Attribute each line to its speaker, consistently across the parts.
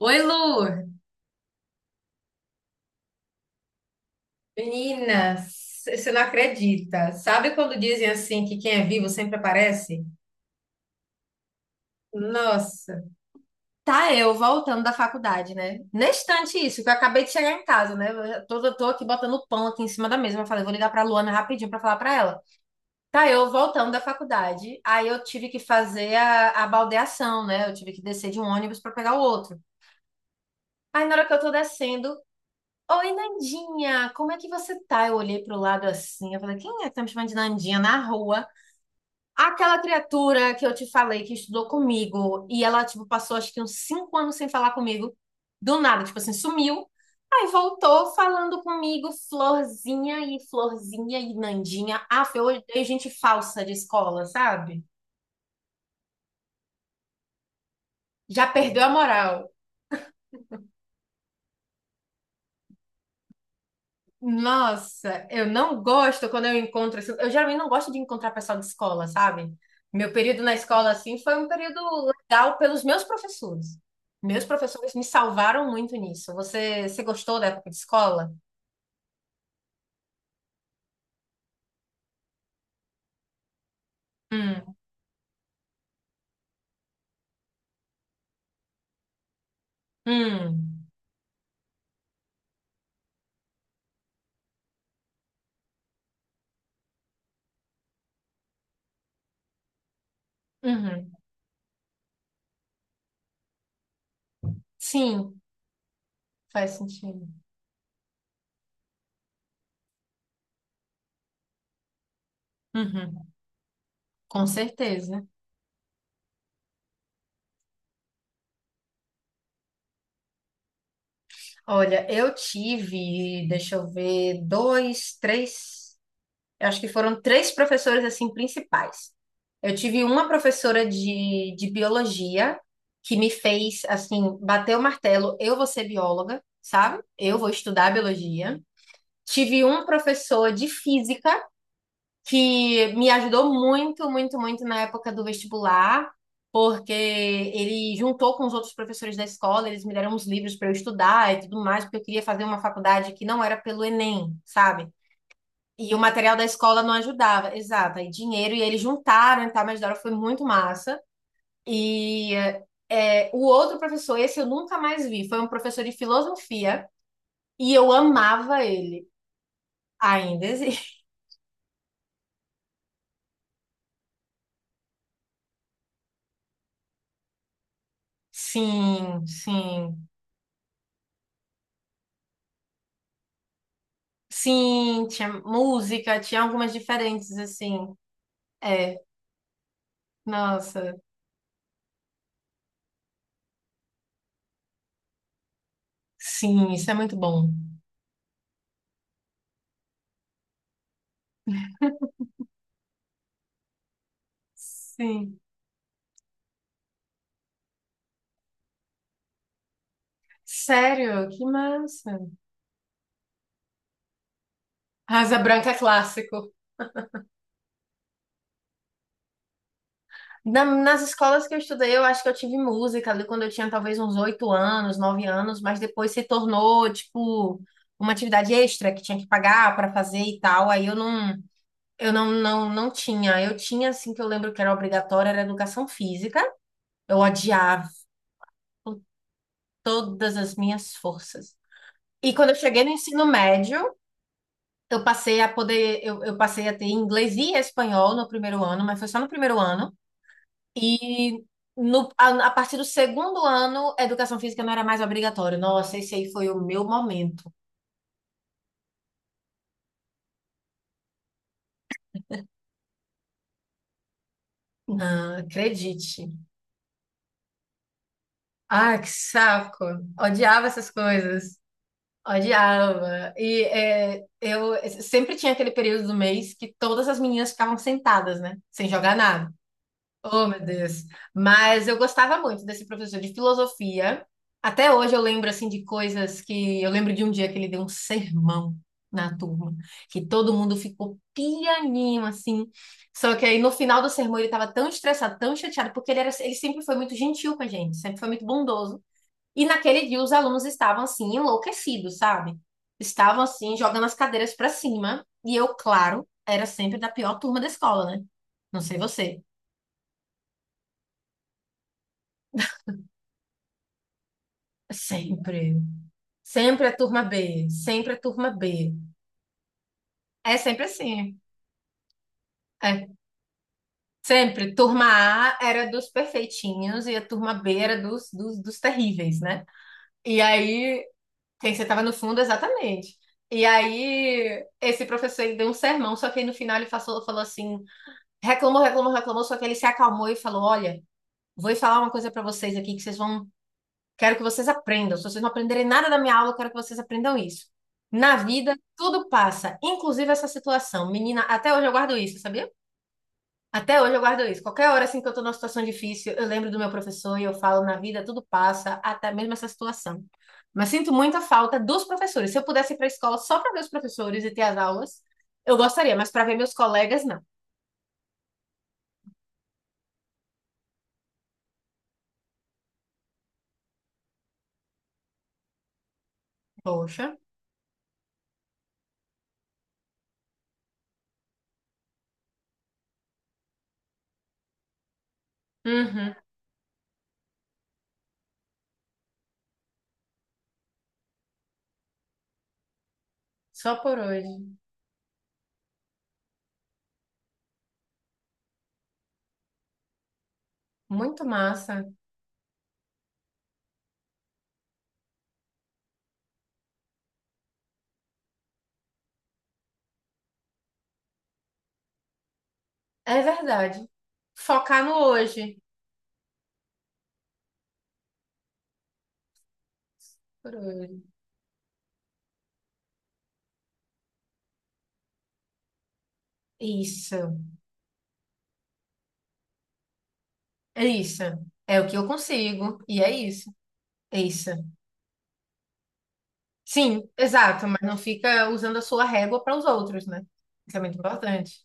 Speaker 1: Oi, Lu! Meninas, você não acredita. Sabe quando dizem assim que quem é vivo sempre aparece? Nossa, tá eu voltando da faculdade, né? Neste instante isso, que eu acabei de chegar em casa, né? Eu já tô aqui botando pão aqui em cima da mesa. Eu falei, vou ligar pra Luana rapidinho pra falar pra ela. Tá eu voltando da faculdade, aí eu tive que fazer a baldecer de um pra pegar o outro. Aí tendo, oi, Nandinha, como você. Quem é que tá me chamando na rua? Aquela criatura que eu te falei, ia comigo, dormiu. Ah, eu odeio gente falsa de escola, sabe? Já perdeu a moral. Nossa, eu não gosto quando eu encontro, assim. Eu geralmente não gosto de encontrar pessoal de escola, sabe? Meu período na escola, assim, foi um período legal pelos meus professores. Meus professores me salvaram muito nisso. Você gostou da época de escola? Hum, hum, uhum. Sim, faz sentido. Uhum, com certeza. Olha, eu tive, deixa eu ver, dois, três. Eu acho que foram três professoras assim principais. Eu tive uma professora de biologia que me fez assim bater o martelo, eu vou ser bióloga, sabe? Eu vou estudar biologia. Tive um professor de física que me ajudou muito, muito, muito na época do vestibular, porque ele juntou com os outros professores da escola, eles me deram uns livros para eu estudar e tudo mais, porque eu queria fazer uma faculdade que não era pelo Enem, sabe? E o material da escola não ajudava, exato. Aí dinheiro e eles juntaram e tal, mas Dora foi muito massa. E o outro professor, esse eu nunca mais vi, foi um professor de filosofia e eu amava ele. Ainda existe. Sim, sim. Sim, tinha música, tinha algumas diferentes, assim. É, nossa, sim, isso é muito bom. Sim. Sério, que massa. Asa Branca é clássico. Nas escolas que eu estudei, eu acho que eu tive música ali quando eu tinha talvez uns 8 anos, 9 anos, mas depois se tornou, tipo, uma atividade extra que tinha que pagar para fazer e tal. Aí eu não tinha. Eu tinha, assim, que eu lembro que era obrigatória, era educação física. Eu odiava todas as minhas forças. E quando eu cheguei no ensino médio, eu passei a ter inglês e espanhol no primeiro ano, mas foi só no primeiro ano. E no, a partir do segundo ano, educação física não era mais obrigatório. Nossa, esse aí foi o meu momento. Não, acredite. Ah, que saco. Odiava essas coisas. Odiava. Eu sempre tinha aquele período do mês que todas as meninas ficavam sentadas, né? Sem jogar nada. Oh, meu Deus. Mas eu gostava muito desse professor de filosofia. Até hoje eu lembro assim de coisas que eu lembro de um dia que ele deu um sermão na turma, que todo mundo ficou pianinho assim. Só que aí no final do sermão ele estava tão estressado, tão chateado, porque ele sempre foi muito gentil com a gente, sempre foi muito bondoso. E naquele dia os alunos estavam assim enlouquecidos, sabe? Estavam assim jogando as cadeiras para cima, e eu, claro, era sempre da pior turma da escola, né? Não sei você. Sempre. Sempre a turma B. Sempre a turma B. É sempre assim. É. Sempre. Turma A era dos perfeitinhos e a turma B era dos terríveis, né? E aí, quem você tava no fundo, exatamente. E aí, esse professor ele deu um sermão, só que aí no final ele falou assim: reclamou, reclamou, reclamou, só que ele se acalmou e falou: Olha, vou falar uma coisa pra vocês aqui que vocês vão. Quero que vocês aprendam. Se vocês não aprenderem nada da minha aula, eu quero que vocês aprendam isso. Na vida, tudo passa, inclusive essa situação. Menina, até hoje eu guardo isso, sabia? Até hoje eu guardo isso. Qualquer hora assim que eu tô numa situação difícil, eu lembro do meu professor e eu falo, na vida tudo passa, até mesmo essa situação. Mas sinto muita falta dos professores. Se eu pudesse ir para a escola só para ver os professores e ter as aulas, eu gostaria, mas para ver meus colegas, não. Poxa. Uhum. Só por hoje. Muito massa. É verdade. Focar no hoje. Por hoje. Isso, isso. É o que eu consigo, e é isso, é isso. Sim, exato, mas não fica usando a sua régua para os outros, né? Isso é muito importante.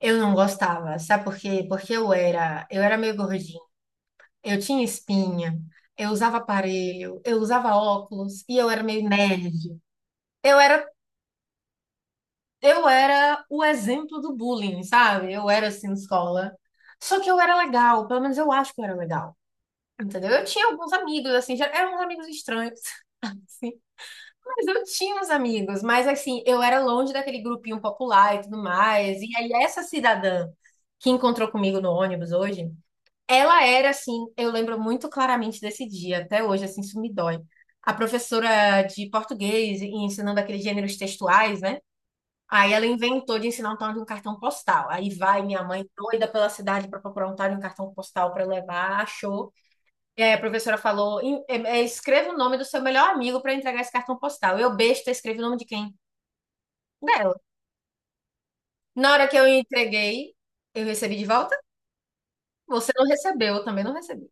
Speaker 1: Eu não gostava, sabe por quê? Porque eu era meio gordinha, eu tinha espinha, eu usava aparelho, eu usava óculos e eu era meio nerd. Eu era, eu era o exemplo do bullying, sabe? Eu era assim na escola. Só que eu era legal, pelo menos eu acho que eu era legal. Entendeu? Eu tinha alguns amigos, assim, já eram uns amigos estranhos. Sim. Mas eu tinha uns amigos, mas assim, eu era longe daquele grupinho popular e tudo mais. E aí, essa cidadã que encontrou comigo no ônibus hoje, ela era assim, eu lembro muito claramente desse dia, até hoje, assim, isso me dói. A professora de português, e ensinando aqueles gêneros textuais, né? Aí ela inventou de ensinar um tal de um cartão postal. Aí vai minha mãe doida pela cidade para procurar um tal de um cartão postal para levar, achou. E aí a professora falou: Escreva o nome do seu melhor amigo para entregar esse cartão postal. Eu, besta, escrevi o nome de quem? Dela. Na hora que eu entreguei, eu recebi de volta? Você não recebeu, eu também não recebi.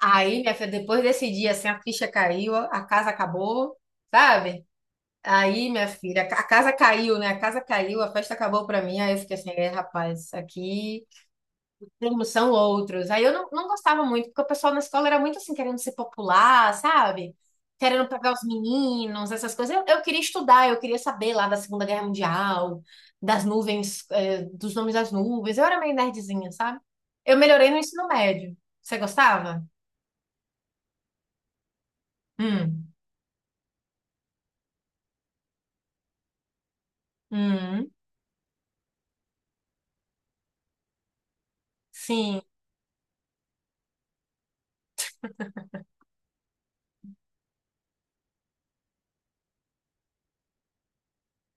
Speaker 1: Aí, minha filha, depois desse dia, assim, a ficha caiu, a casa acabou, sabe? Aí, minha filha, a casa caiu, né? A casa caiu, a festa acabou pra mim. Aí eu fiquei assim, rapaz, aqui. Sim, são outros. Aí eu não, não gostava muito, porque o pessoal na escola era muito assim, querendo ser popular, sabe? Querendo pegar os meninos, essas coisas. Eu queria estudar, eu queria saber lá da Segunda Guerra Mundial, das nuvens, dos nomes das nuvens. Eu era meio nerdzinha, sabe? Eu melhorei no ensino médio. Você gostava? Hum, hum, sim.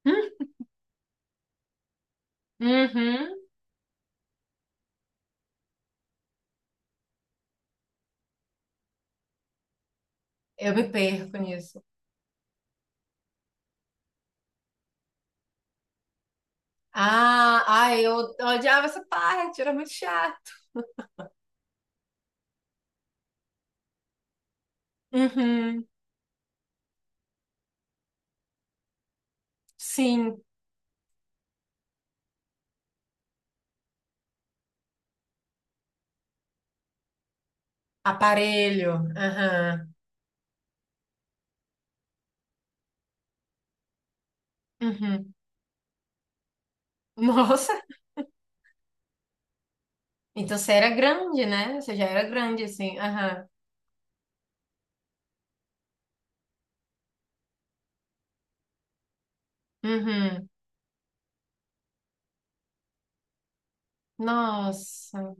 Speaker 1: Hum, uhum. Eu me perco nisso. Ah, ai, eu odiava essa parte, era muito chato. Uhum. Sim. Aparelho. Aham. Uhum. Nossa, então você era grande, né? Você já era grande, assim. Aham. Uhum. Nossa.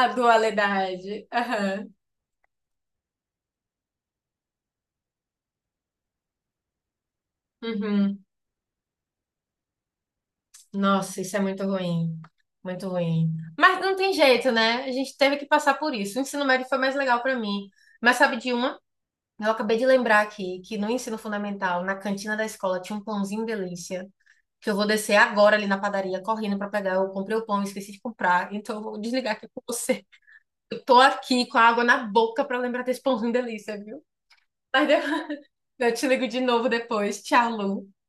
Speaker 1: A dualidade. Aham. Uhum. Nossa, isso é muito ruim. Muito ruim. Mas não tem jeito, né? A gente teve que passar por isso. O ensino médio foi mais legal pra mim. Mas sabe de uma? Eu acabei de lembrar aqui que no ensino fundamental, na cantina da escola, tinha um pãozinho delícia. Que eu vou descer agora ali na padaria correndo para pegar. Eu comprei o pão, esqueci de comprar, então eu vou desligar aqui com você. Eu tô aqui com a água na boca para lembrar desse pãozinho delícia, viu? Mas eu eu te ligo de novo depois. Tchau, Lu.